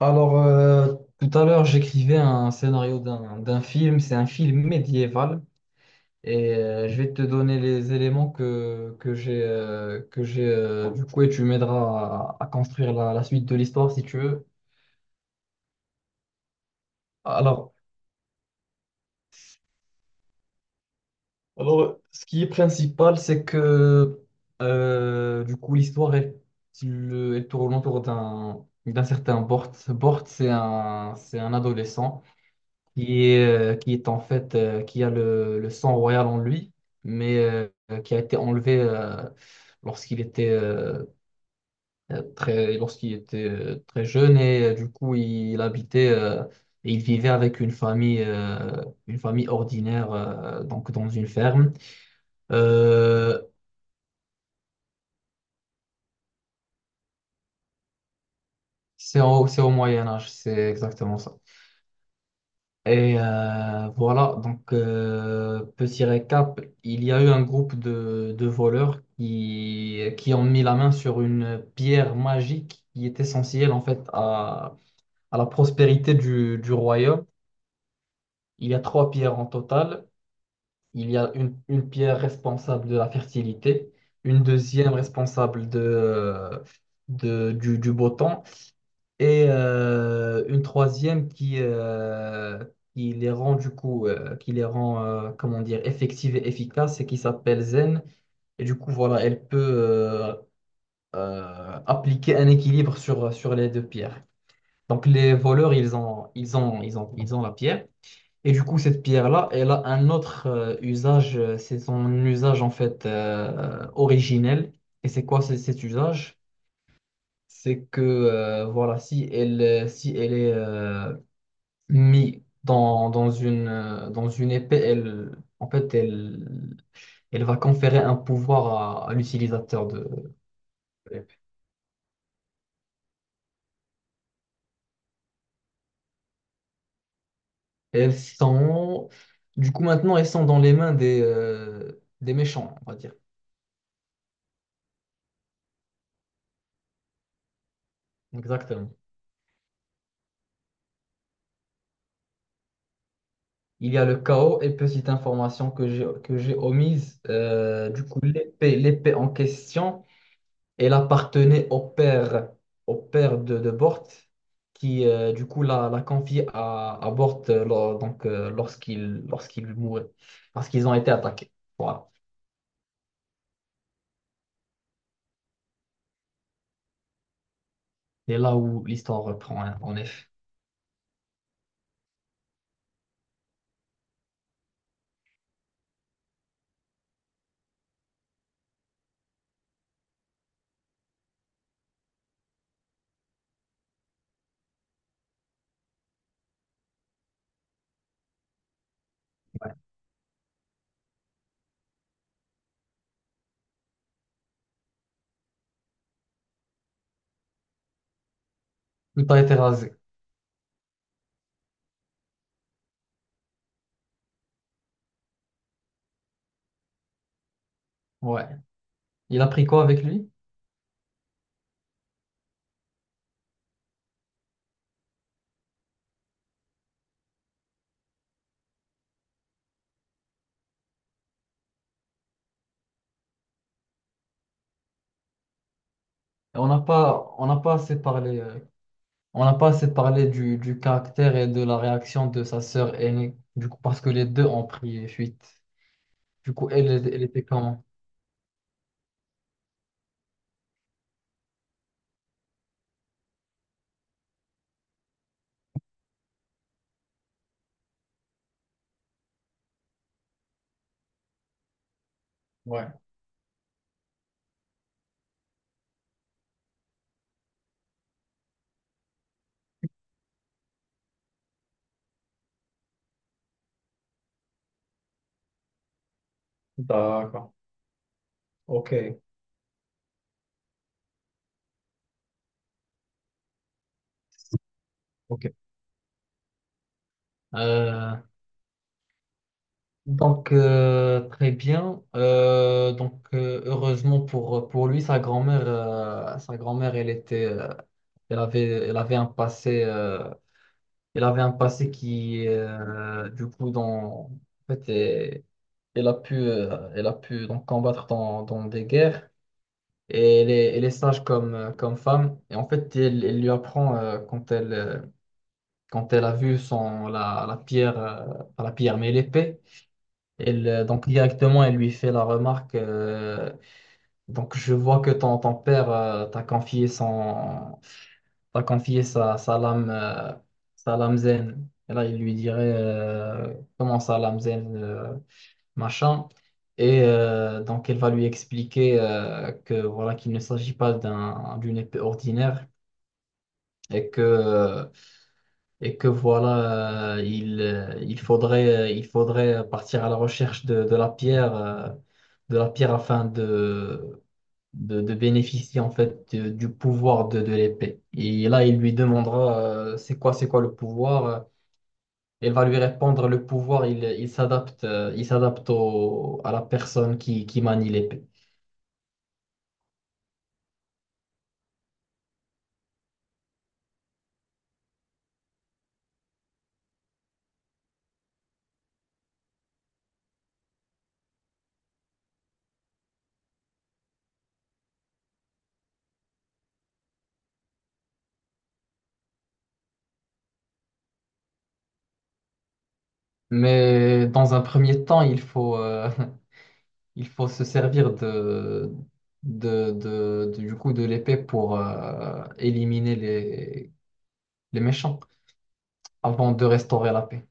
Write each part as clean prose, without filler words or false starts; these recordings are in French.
Alors, tout à l'heure, j'écrivais un scénario d'un film. C'est un film médiéval et je vais te donner les éléments que j'ai du coup, et tu m'aideras à construire la suite de l'histoire si tu veux. Alors, alors, ce qui est principal, c'est que du coup elle tourne autour d'un certain Bort. Bort, c'est un adolescent qui est en fait, qui a le sang royal en lui, mais qui a été enlevé lorsqu'il était, lorsqu'il était très jeune, et du coup il, habitait il vivait avec une famille ordinaire, donc dans une ferme. Euh, c'est au, c'est au Moyen Âge, c'est exactement ça. Et voilà, donc petit récap, il y a eu un groupe de voleurs qui ont mis la main sur une pierre magique qui est essentielle en fait à la prospérité du royaume. Il y a trois pierres en total. Il y a une pierre responsable de la fertilité, une deuxième responsable du beau temps, et une troisième qui les rend du coup, qui les rend, comment dire, effectives et efficaces, et qui s'appelle Zen. Et du coup, voilà, elle peut appliquer un équilibre sur les deux pierres. Donc les voleurs, ils ont la pierre. Et du coup, cette pierre-là, elle a un autre usage. C'est son usage en fait originel. Et c'est quoi c'est cet usage? C'est que voilà, si elle est mis dans une épée, elle, en fait, elle, elle va conférer un pouvoir à l'utilisateur de l'épée. Elles sont, du coup, maintenant, elles sont dans les mains des méchants, on va dire. Exactement. Il y a le chaos, et petite information que j'ai omise. Du coup, l'épée en question. Elle appartenait au père de Bort, qui du coup l'a confiée à Bort donc, lorsqu'il mourait, parce qu'ils ont été attaqués. Voilà. Et là où l'histoire reprend, hein, en effet. Il a été rasé. Ouais. Il a pris quoi avec lui? On n'a pas assez parlé, on n'a pas assez parlé du caractère et de la réaction de sa sœur aînée, du coup, parce que les deux ont pris fuite. Du coup, elle, elle était comment? Ouais, d'accord. Ok. Ok. Euh, donc très bien. Donc heureusement pour lui, sa grand-mère, elle avait un passé, elle avait un passé qui, du coup, dans, en fait, elle a pu donc combattre dans des guerres. Et elle est sage comme comme femme. Et en fait, elle lui apprend, quand elle a vu son la pierre, pas la pierre, mais l'épée. Donc directement, elle lui fait la remarque. Donc je vois que ton père t'a confié t'a confié sa lame zen. Et là, il lui dirait, comment ça, lame zen, machin. Et donc elle va lui expliquer que voilà, qu'il ne s'agit pas d'une épée ordinaire, et que voilà, il faudrait partir à la recherche de la pierre afin de bénéficier en fait du pouvoir de l'épée. Et là, il lui demandera, c'est quoi le pouvoir? Elle va lui répondre, le pouvoir, il s'adapte à la personne qui manie l'épée. Mais dans un premier temps, il faut se servir du coup de l'épée pour éliminer les méchants avant de restaurer la paix.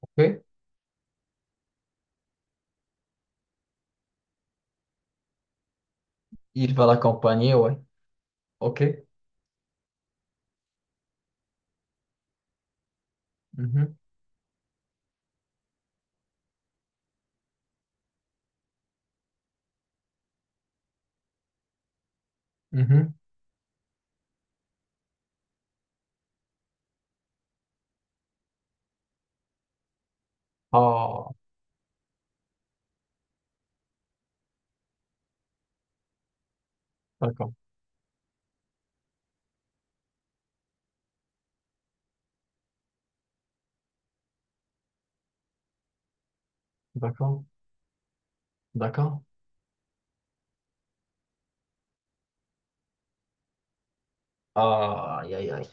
Ok? Il va l'accompagner, ouais. Ok? Mhm, mhm. Ah, d'accord, d'accord, d'accord. Ah, aïe, aïe, aïe.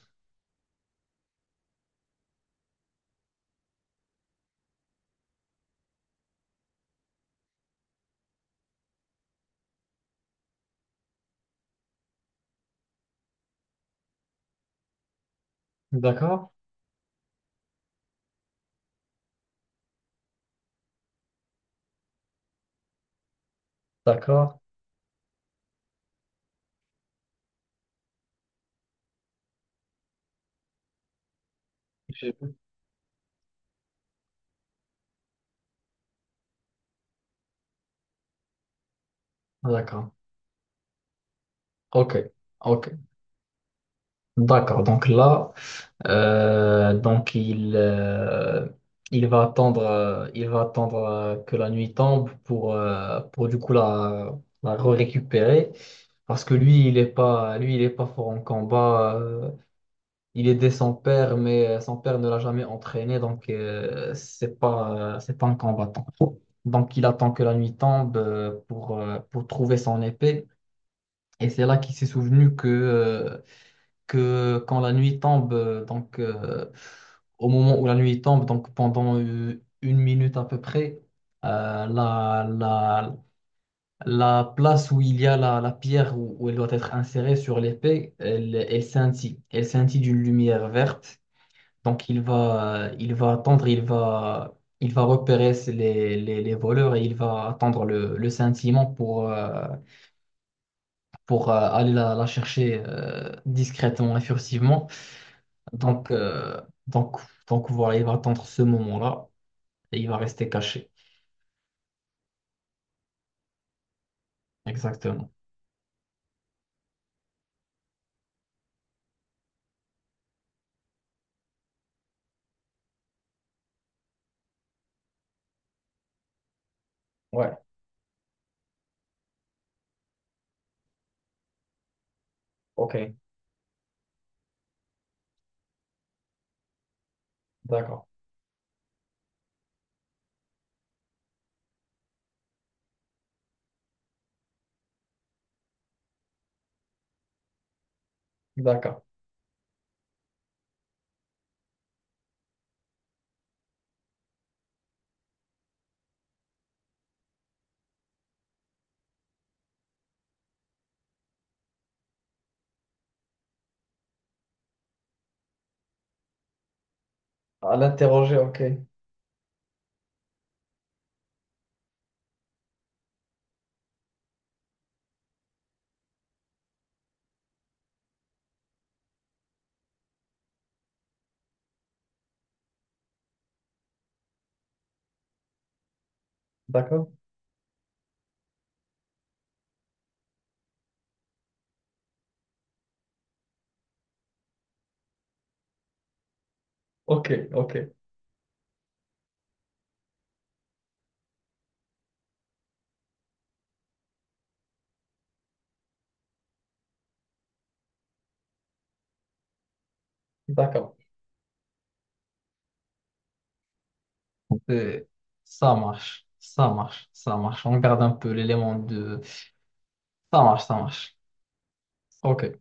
D'accord, d'accord, j'ai vu. D'accord. Ok, ok. D'accord, donc là. Donc il va attendre que la nuit tombe pour du coup la récupérer, parce que lui il est pas fort en combat. Il est aidé son père, mais son père ne l'a jamais entraîné, donc c'est pas un combattant. Donc il attend que la nuit tombe pour trouver son épée, et c'est là qu'il s'est souvenu que quand la nuit tombe, au moment où la nuit tombe, donc pendant une minute à peu près, euh, la, la, la place où il y a la pierre où elle doit être insérée sur l'épée, elle scintille. Elle scintille d'une lumière verte. Donc il va attendre, il va repérer les voleurs, et il va attendre le scintillement pour, aller la chercher discrètement et furtivement. Donc, euh, donc, donc voilà, il va attendre ce moment-là, et il va rester caché. Exactement. Ouais, ok, d'accord, d'accord. À l'interroger, ok, d'accord, ok, ok, d'accord. Euh, Ça marche, ça marche, ça marche. On garde un peu l'élément de… Ça marche, ça marche. Ok.